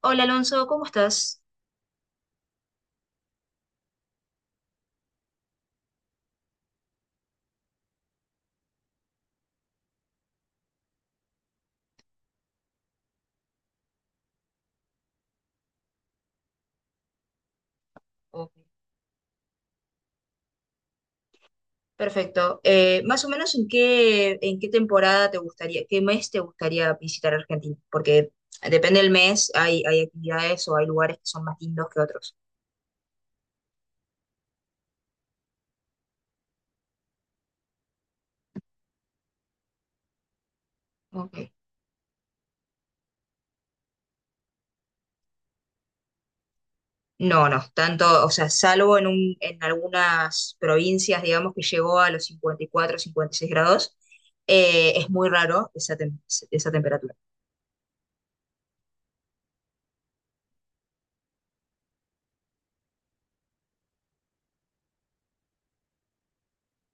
Hola Alonso, ¿cómo estás? Ok. Perfecto. Más o menos en qué temporada te gustaría, qué mes te gustaría visitar Argentina, porque depende del mes, hay actividades o hay lugares que son más lindos que otros. Ok. No, no tanto, o sea, en algunas provincias, digamos, que llegó a los cincuenta, cincuenta y cuatro, cincuenta y seis grados. Es muy raro esa temperatura.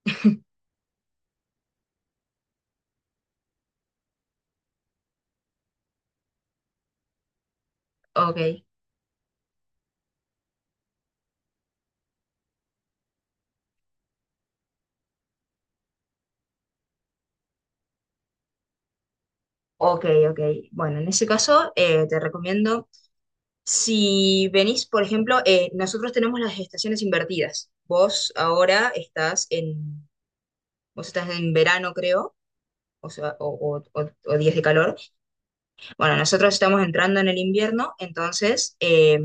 Ok, ok, ok. Bueno, en ese caso, te recomiendo. Si venís, por ejemplo, nosotros tenemos las estaciones invertidas. Vos estás en verano, creo, o sea, o días de calor. Bueno, nosotros estamos entrando en el invierno, entonces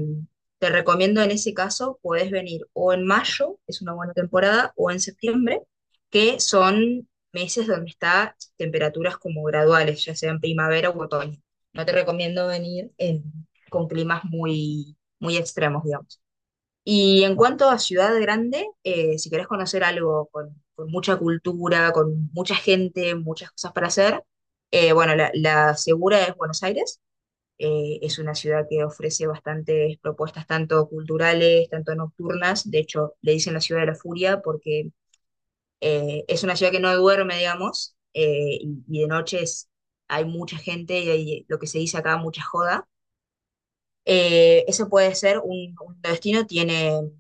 te recomiendo en ese caso, podés venir o en mayo, es una buena temporada, o en septiembre, que son meses donde está temperaturas como graduales, ya sea en primavera u otoño. No te recomiendo con climas muy muy extremos, digamos. Y en cuanto a ciudad grande, si querés conocer algo con mucha cultura, con mucha gente, muchas cosas para hacer, bueno, la segura es Buenos Aires. Es una ciudad que ofrece bastantes propuestas, tanto culturales, tanto nocturnas. De hecho, le dicen la ciudad de la furia porque es una ciudad que no duerme, digamos. Y hay mucha gente y hay lo que se dice acá, mucha joda. Ese puede ser un destino, tiene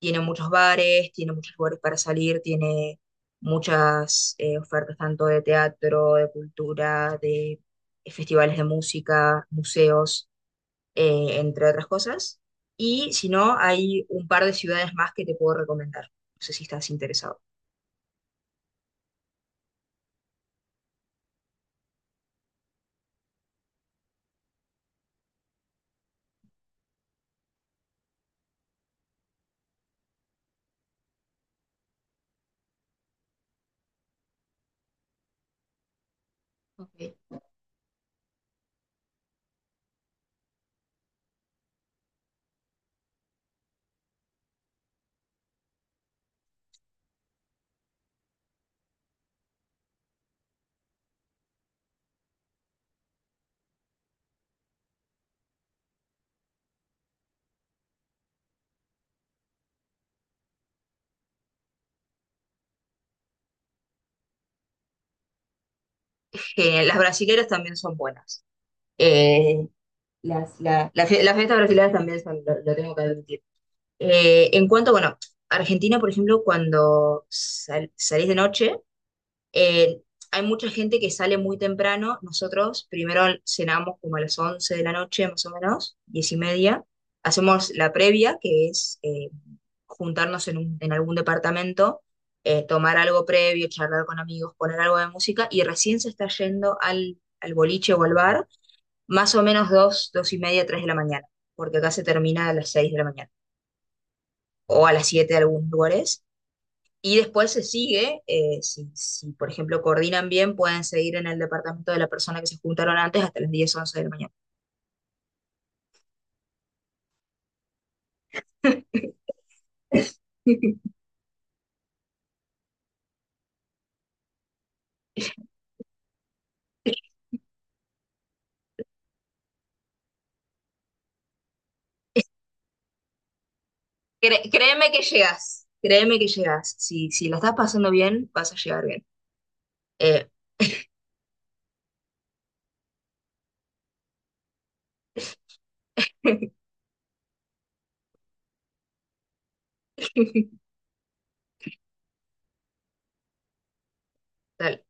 tiene muchos bares, tiene muchos lugares para salir, tiene muchas ofertas, tanto de teatro, de cultura, de festivales de música, museos, entre otras cosas. Y si no, hay un par de ciudades más que te puedo recomendar. No sé si estás interesado. Ok. Que las brasileras también son buenas. Eh, las fiestas brasileras también son, lo tengo que admitir. En cuanto, bueno, Argentina, por ejemplo, cuando salís de noche. Eh, hay mucha gente que sale muy temprano. Nosotros primero cenamos como a las 11 de la noche, más o menos, 10:30. Hacemos la previa, que es juntarnos en algún departamento, tomar algo previo, charlar con amigos, poner algo de música y recién se está yendo al boliche o al bar, más o menos 2, 2:30, 3 de la mañana, porque acá se termina a las 6 de la mañana o a las 7 de algunos lugares. Y después se sigue. Si, por ejemplo, coordinan bien, pueden seguir en el departamento de la persona que se juntaron antes hasta las 10, 11 de la mañana. Créeme que llegas, créeme que llegas. Si la estás pasando bien, vas a llegar bien. Eh, Dale.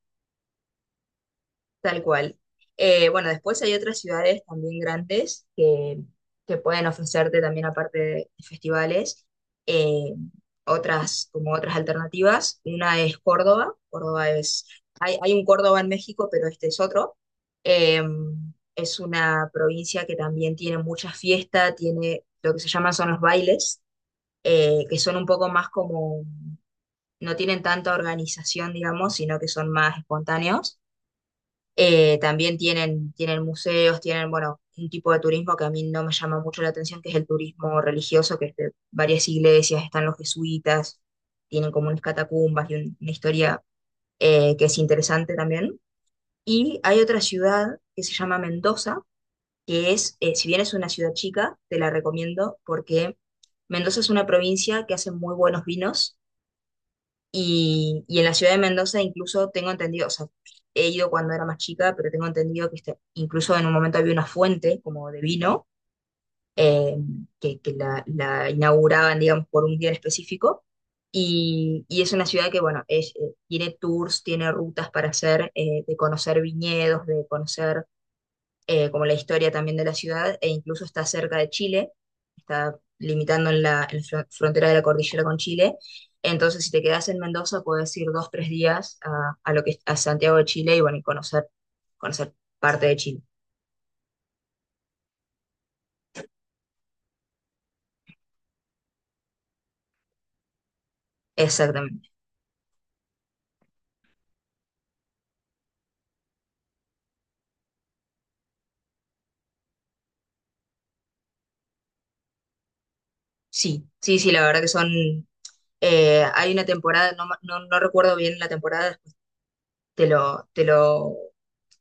Tal cual. Bueno, después hay otras ciudades también grandes que pueden ofrecerte también, aparte de festivales, eh, otras, como otras alternativas. Una es Córdoba. Hay un Córdoba en México, pero este es otro. Eh, es una provincia que también tiene mucha fiesta, tiene lo que se llaman son los bailes, que son un poco más como, no tienen tanta organización, digamos, sino que son más espontáneos. También tienen museos, tienen, bueno, un tipo de turismo que a mí no me llama mucho la atención, que es el turismo religioso, que es de varias iglesias, están los jesuitas, tienen como unas catacumbas y una historia que es interesante también. Y hay otra ciudad que se llama Mendoza, que es, si bien es una ciudad chica, te la recomiendo porque Mendoza es una provincia que hace muy buenos vinos y en la ciudad de Mendoza incluso tengo entendido, o sea, he ido cuando era más chica, pero tengo entendido que incluso en un momento había una fuente como de vino eh, que la inauguraban, digamos, por un día en específico. Y es una ciudad que, bueno, es, tiene tours, tiene rutas para hacer, de conocer viñedos, de conocer como la historia también de la ciudad, e incluso está cerca de Chile, está limitando en la frontera de la cordillera con Chile. Entonces, si te quedas en Mendoza, puedes ir 2, 3 días a lo que, es- a Santiago de Chile, y bueno, y conocer, conocer parte de Chile. Exactamente. Sí, sí, sí, la verdad que son... hay una temporada, no recuerdo bien la temporada, te lo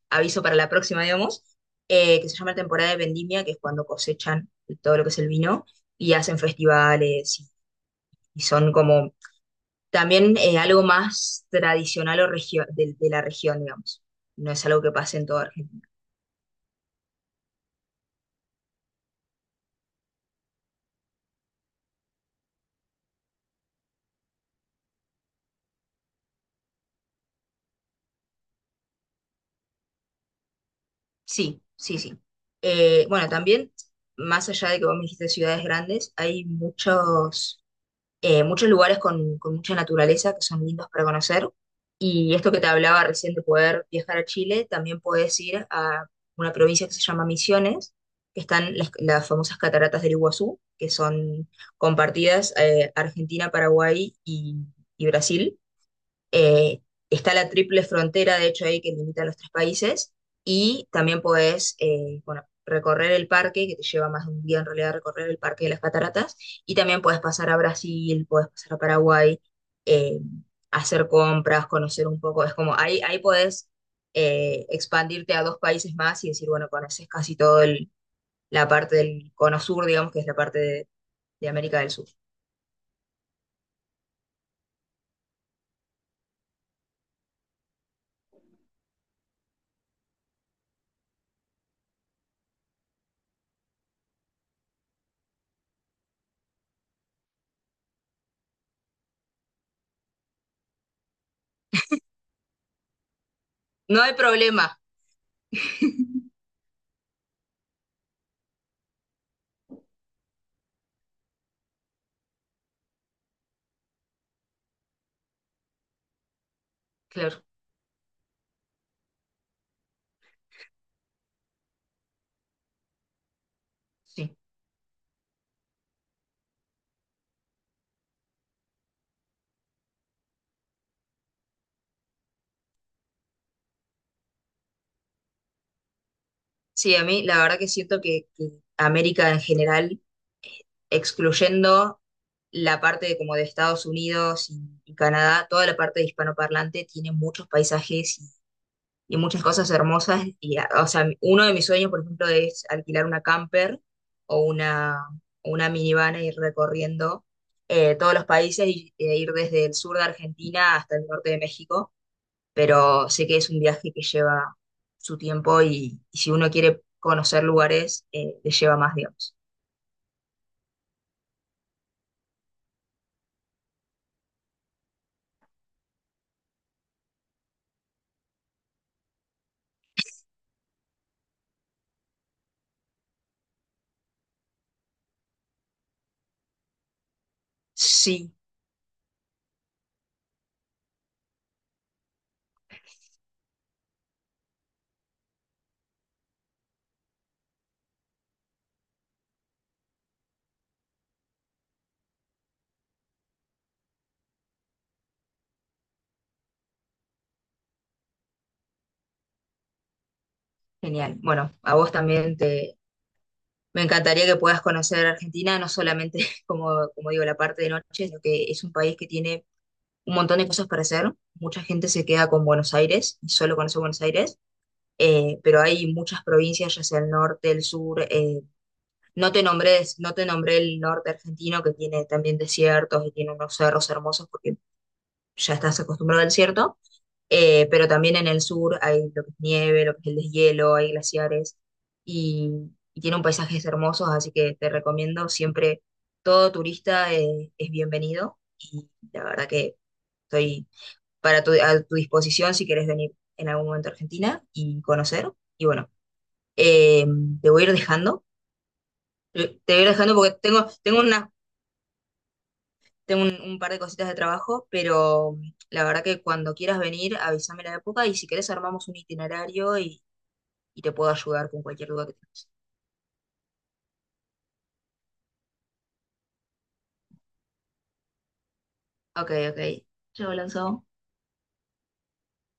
aviso para la próxima, digamos. Que se llama temporada de vendimia, que es cuando cosechan todo lo que es el vino y hacen festivales y son como también, algo más tradicional o de la región, digamos. No es algo que pase en toda Argentina. Sí, sí, sí. Bueno, también, más allá de que vos me dijiste ciudades grandes, hay muchos muchos lugares con mucha naturaleza que son lindos para conocer. Y esto que te hablaba recién de poder viajar a Chile, también puedes ir a una provincia que se llama Misiones, que están las famosas cataratas del Iguazú, que son compartidas Argentina, Paraguay y Brasil. Eh, está la triple frontera, de hecho, ahí que limita a los tres países. Y también podés, bueno, recorrer el parque, que te lleva más de un día en realidad recorrer el parque de las cataratas. Y también podés pasar a Brasil, podés pasar a Paraguay, eh, hacer compras, conocer un poco. Es como, ahí podés expandirte a dos países más y decir, bueno, conoces casi todo la parte del cono sur, digamos, que es la parte de América del Sur. No hay problema, claro, sí. Sí, a mí la verdad que siento que América en general, excluyendo la parte de como de Estados Unidos y Canadá, toda la parte de hispanoparlante tiene muchos paisajes y muchas cosas hermosas. Y, o sea, uno de mis sueños, por ejemplo, es alquilar una camper o una, o una minivan e ir recorriendo todos los países e ir desde el sur de Argentina hasta el norte de México, pero sé que es un viaje que lleva su tiempo y si uno quiere conocer lugares, le lleva más, digamos. Sí, genial. Bueno, a vos también te... Me encantaría que puedas conocer Argentina, no solamente, como digo, la parte de noche, sino que es un país que tiene un montón de cosas para hacer. Mucha gente se queda con Buenos Aires y solo conoce Buenos Aires, pero hay muchas provincias, ya sea el norte, el sur. No te nombré, no te nombré el norte argentino, que tiene también desiertos y tiene unos cerros hermosos, porque ya estás acostumbrado al desierto. Pero también en el sur hay lo que es nieve, lo que es el deshielo, hay glaciares y, y tiene un paisajes hermosos, así que te recomiendo siempre, todo turista es bienvenido, y la verdad que estoy a tu disposición si quieres venir en algún momento a Argentina y conocer. Y bueno, eh, te voy a ir dejando. Te voy a ir dejando porque tengo un par de cositas de trabajo, pero la verdad que cuando quieras venir, avísame la época y si querés armamos un itinerario y te puedo ayudar con cualquier duda que tengas. Ok, ok. Chao, Alonso.